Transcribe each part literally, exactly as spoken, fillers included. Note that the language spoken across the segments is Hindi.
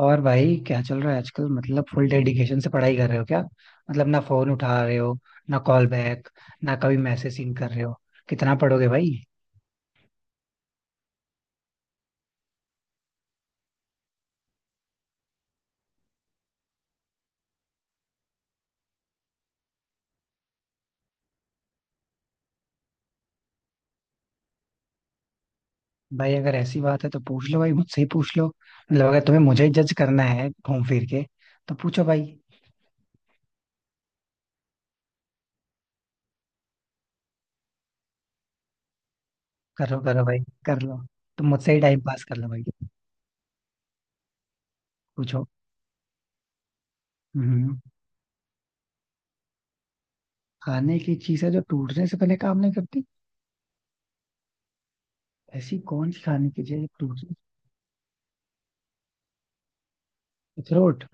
और भाई क्या चल रहा है आजकल? मतलब फुल डेडिकेशन से पढ़ाई कर रहे हो क्या? मतलब ना फोन उठा रहे हो, ना कॉल बैक, ना कभी मैसेज सीन कर रहे हो। कितना पढ़ोगे भाई। भाई अगर ऐसी बात है तो पूछ लो, भाई मुझसे ही पूछ लो। मतलब अगर तुम्हें मुझे जज करना है घूम फिर के तो पूछो भाई। करो करो भाई, कर लो। तुम मुझसे ही टाइम पास कर लो भाई। पूछो। हम्म। खाने की चीज है जो टूटने से पहले काम नहीं करती? ऐसी कौन सी खाने की चीज है टूटने? अखरोट।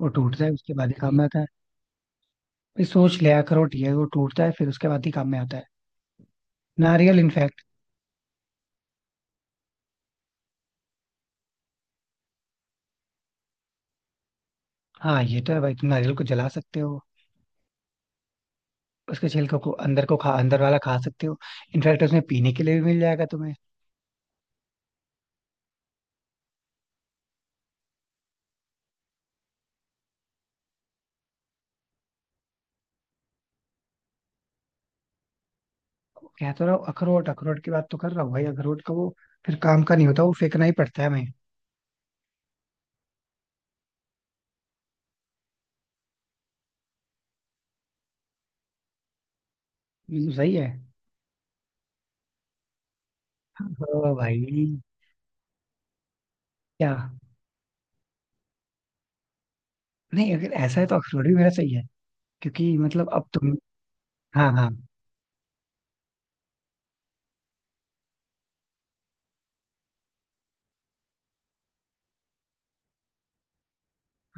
वो टूटता है उसके बाद ही काम में आता है। भाई सोच ले, अखरोट ये है, वो टूटता है फिर उसके बाद ही काम में आता है। नारियल इनफैक्ट। हाँ ये तो है भाई, तुम नारियल को जला सकते हो, उसके छिलके को, अंदर को खा अंदर वाला खा सकते हो। इनफैक्ट उसमें पीने के लिए भी मिल जाएगा तुम्हें। कह तो रहा हूँ अखरोट, अखरोट की बात तो कर रहा हूँ भाई। अखरोट का वो फिर काम का नहीं होता, वो फेंकना ही पड़ता है हमें। हम्म, सही है। हाँ। ओ भाई, क्या? नहीं अगर ऐसा है तो अखरोट भी मेरा सही है। क्योंकि मतलब अब तुम। हाँ हाँ।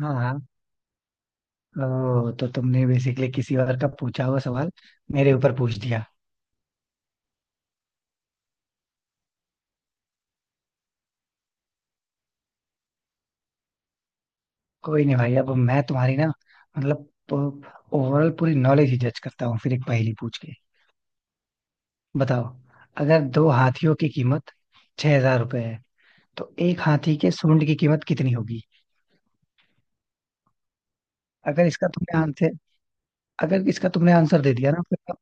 हाँ हाँ। ओ, तो तुमने बेसिकली किसी और का पूछा हुआ सवाल मेरे ऊपर पूछ दिया। कोई नहीं भाई, अब मैं तुम्हारी ना, मतलब ओवरऑल पूरी नॉलेज ही जज करता हूँ फिर एक पहेली पूछ के। बताओ, अगर दो हाथियों की कीमत छह हजार रुपए है तो एक हाथी के सूंड की कीमत कितनी होगी? अगर इसका तुमने आंसर अगर इसका तुमने आंसर दे दिया ना फिर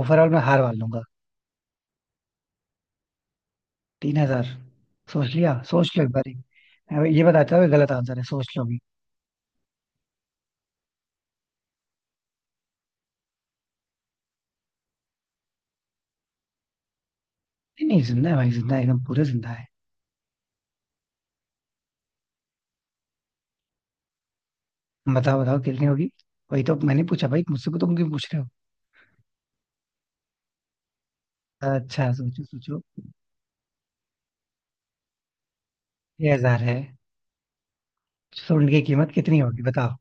ओवरऑल मैं हार मान लूंगा। तीन हजार? सोच लिया? सोच लो एक बार, ये बताता हूँ, गलत आंसर है, सोच लो। नहीं नहीं जिंदा है भाई, जिंदा है एकदम पूरा जिंदा है। बताओ बताओ कितनी होगी? वही तो मैंने पूछा भाई, मुझसे तो मुझे पूछ रहे हो? अच्छा सोचो सोचो। ये हजार है। सुन की कीमत कितनी होगी बताओ?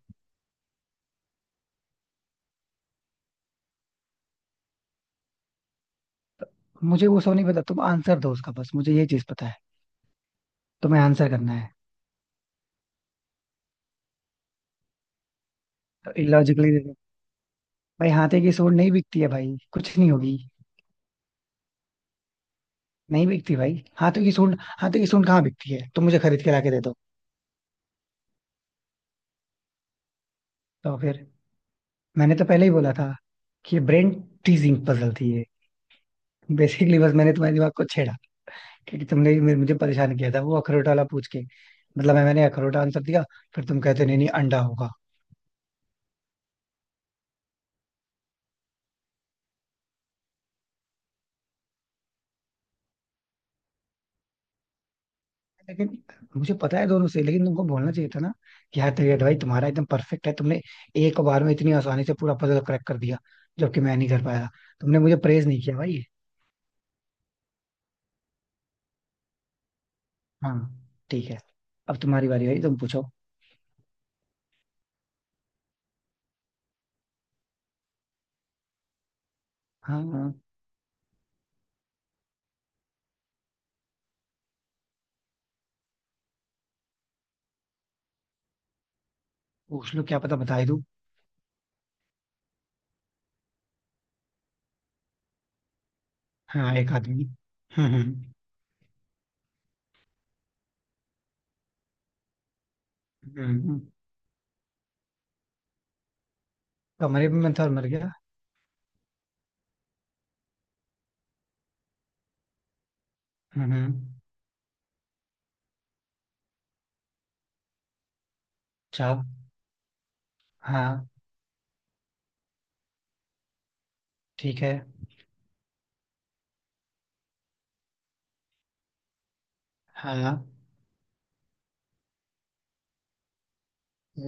मुझे वो सब नहीं पता, तुम आंसर दो उसका। बस मुझे ये चीज पता है, तुम्हें आंसर करना है। तो इलॉजिकली, भाई हाथे की सूंड नहीं बिकती है भाई, कुछ नहीं होगी। नहीं बिकती भाई, हाथों की सूंड, हाथों की सूंड कहाँ बिकती है? तुम मुझे खरीद के लाके दे दो। तो फिर मैंने तो पहले ही बोला था कि ब्रेन टीजिंग पजल थी ये। बेसिकली बस मैंने तुम्हारे दिमाग को छेड़ा, क्योंकि तुमने ही मेरे- मुझे परेशान किया था वो अखरोट वाला पूछ के। मतलब मैं मैंने अखरोट आंसर दिया, फिर तुम कहते नहीं नहीं अंडा होगा। लेकिन मुझे पता है दोनों से, लेकिन तुमको बोलना चाहिए था ना, कि यार तेरी, भाई तुम्हारा एकदम परफेक्ट है, तुमने एक बार में इतनी आसानी से पूरा पजल क्रैक कर दिया, जबकि मैं नहीं कर पाया। तुमने मुझे प्रेज नहीं किया भाई। हाँ ठीक है। अब तुम्हारी बारी भाई, तुम पूछो। हाँ हाँ। पूछ लो क्या पता बता ही दूं। हाँ एक आदमी। हम्म हम्म। हम्म, हम्म। कमरे में था और मर गया। हम्म हम्म। अच्छा। हाँ। ठीक है। हाँ।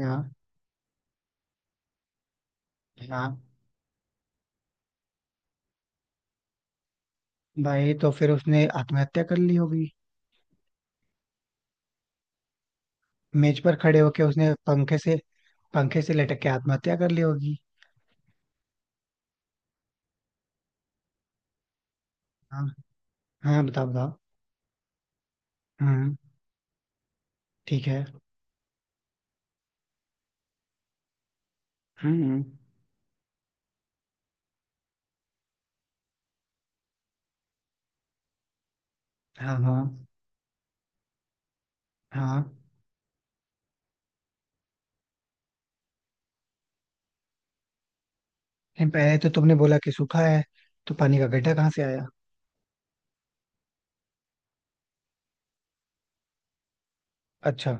हाँ। हाँ। भाई तो फिर उसने आत्महत्या कर ली होगी। मेज पर खड़े होके उसने पंखे से, पंखे से लटक के आत्महत्या कर ली होगी। हाँ हाँ बताओ बताओ। हम्म। ठीक है। हम्म। हाँ हाँ। हाँ। लेकिन पहले तो तुमने बोला कि सूखा है, तो पानी का गड्ढा कहाँ से आया? अच्छा।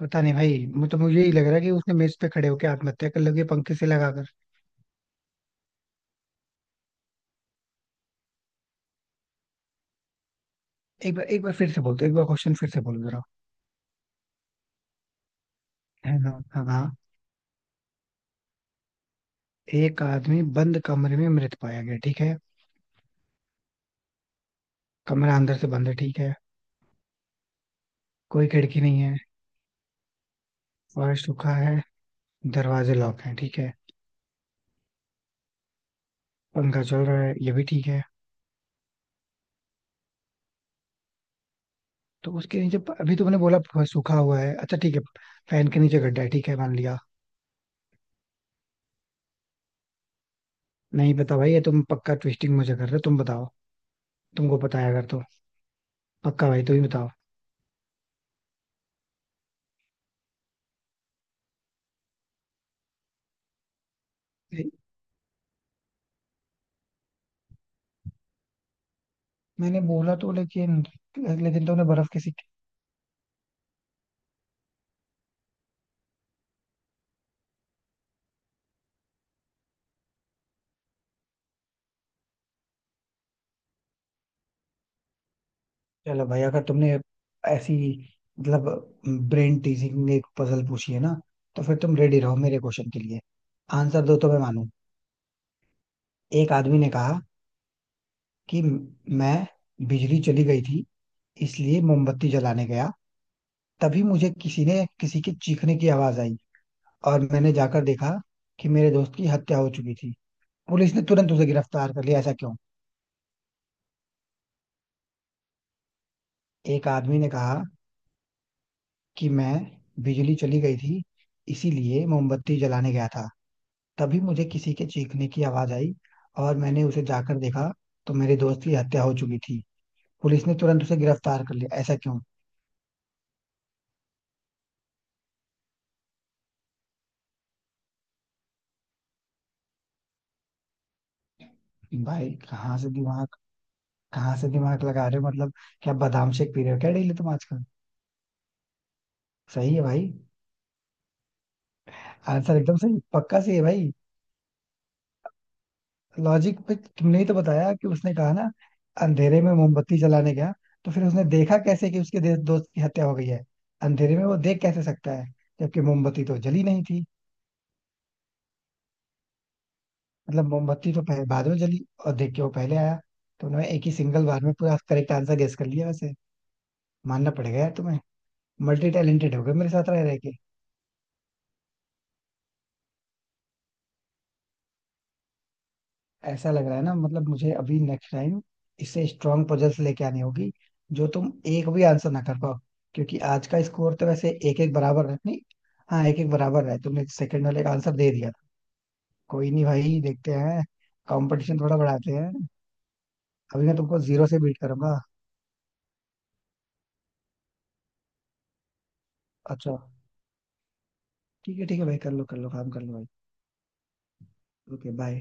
पता नहीं भाई, मुझे तो मुझे यही लग रहा है कि उसने मेज पे खड़े होके आत्महत्या कर लोगे पंखे से लगाकर। एक बार एक बार फिर से बोल दो, एक बार क्वेश्चन फिर से बोल दो जरा। है ना। हाँ हाँ। एक आदमी बंद कमरे में मृत पाया गया, ठीक है। कमरा अंदर से बंद है, ठीक है। कोई खिड़की नहीं है, फर्श सूखा है, दरवाजे लॉक हैं ठीक है। पंखा चल रहा है ये भी ठीक है। तो उसके नीचे प- अभी तुमने बोला फर्श सूखा हुआ है, अच्छा ठीक है, फैन के नीचे गड्ढा है, ठीक है मान लिया। नहीं पता भाई, ये तुम पक्का ट्विस्टिंग मुझे कर रहे हो, तुम बताओ तुमको पता है अगर तो। पक्का भाई, तुम ही बताओ। नहीं, मैंने बोला तो लेकिन लेकिन तुमने बर्फ किसी। चलो भाई, अगर तुमने ऐसी मतलब ब्रेन टीजिंग एक पजल पूछी है ना, तो फिर तुम रेडी रहो मेरे क्वेश्चन के लिए, आंसर दो तो मैं मानू। एक आदमी ने कहा कि मैं, बिजली चली गई थी इसलिए मोमबत्ती जलाने गया, तभी मुझे किसी ने किसी के चीखने की आवाज आई और मैंने जाकर देखा कि मेरे दोस्त की हत्या हो चुकी थी। पुलिस ने तुरंत उसे गिरफ्तार कर लिया, ऐसा क्यों? एक आदमी ने कहा कि मैं, बिजली चली गई थी इसीलिए मोमबत्ती जलाने गया था, तभी मुझे किसी के चीखने की आवाज आई और मैंने उसे जाकर देखा तो मेरे दोस्त की हत्या हो चुकी थी। पुलिस ने तुरंत उसे गिरफ्तार कर लिया, ऐसा क्यों? भाई कहाँ से दिमाग कहाँ से दिमाग लगा रहे हो मतलब? क्या बादाम शेक पी रहे हो क्या डेली तुम आजकल? सही है भाई, आंसर एकदम सही, पक्का सही है भाई। लॉजिक पे तुमने ही तो बताया, कि उसने कहा ना अंधेरे में मोमबत्ती जलाने गया, तो फिर उसने देखा कैसे कि उसके दे- दोस्त की हत्या हो गई है? अंधेरे में वो देख कैसे सकता है जबकि मोमबत्ती तो जली नहीं थी? मतलब मोमबत्ती तो पहले, बाद में जली, और देख के वो पहले आया। तो उन्होंने एक ही सिंगल बार में पूरा करेक्ट आंसर गेस कर लिया वैसे, मानना पड़ेगा यार तुम्हें। मल्टी टैलेंटेड हो गए मेरे साथ रह रहे के। ऐसा लग रहा है ना, मतलब मुझे अभी नेक्स्ट टाइम इससे स्ट्रांग पजल्स लेके आनी होगी, जो तुम एक भी आंसर ना कर पाओ। क्योंकि आज का स्कोर तो वैसे एक एक बराबर है नहीं, हाँ एक एक बराबर है, तुमने सेकंड वाले का आंसर दे दिया था। कोई नहीं भाई, देखते हैं, कंपटीशन थोड़ा बढ़ाते हैं। अभी मैं तुमको जीरो से बीट करूंगा। अच्छा ठीक है ठीक है भाई, कर लो कर लो काम कर लो भाई। Okay bye.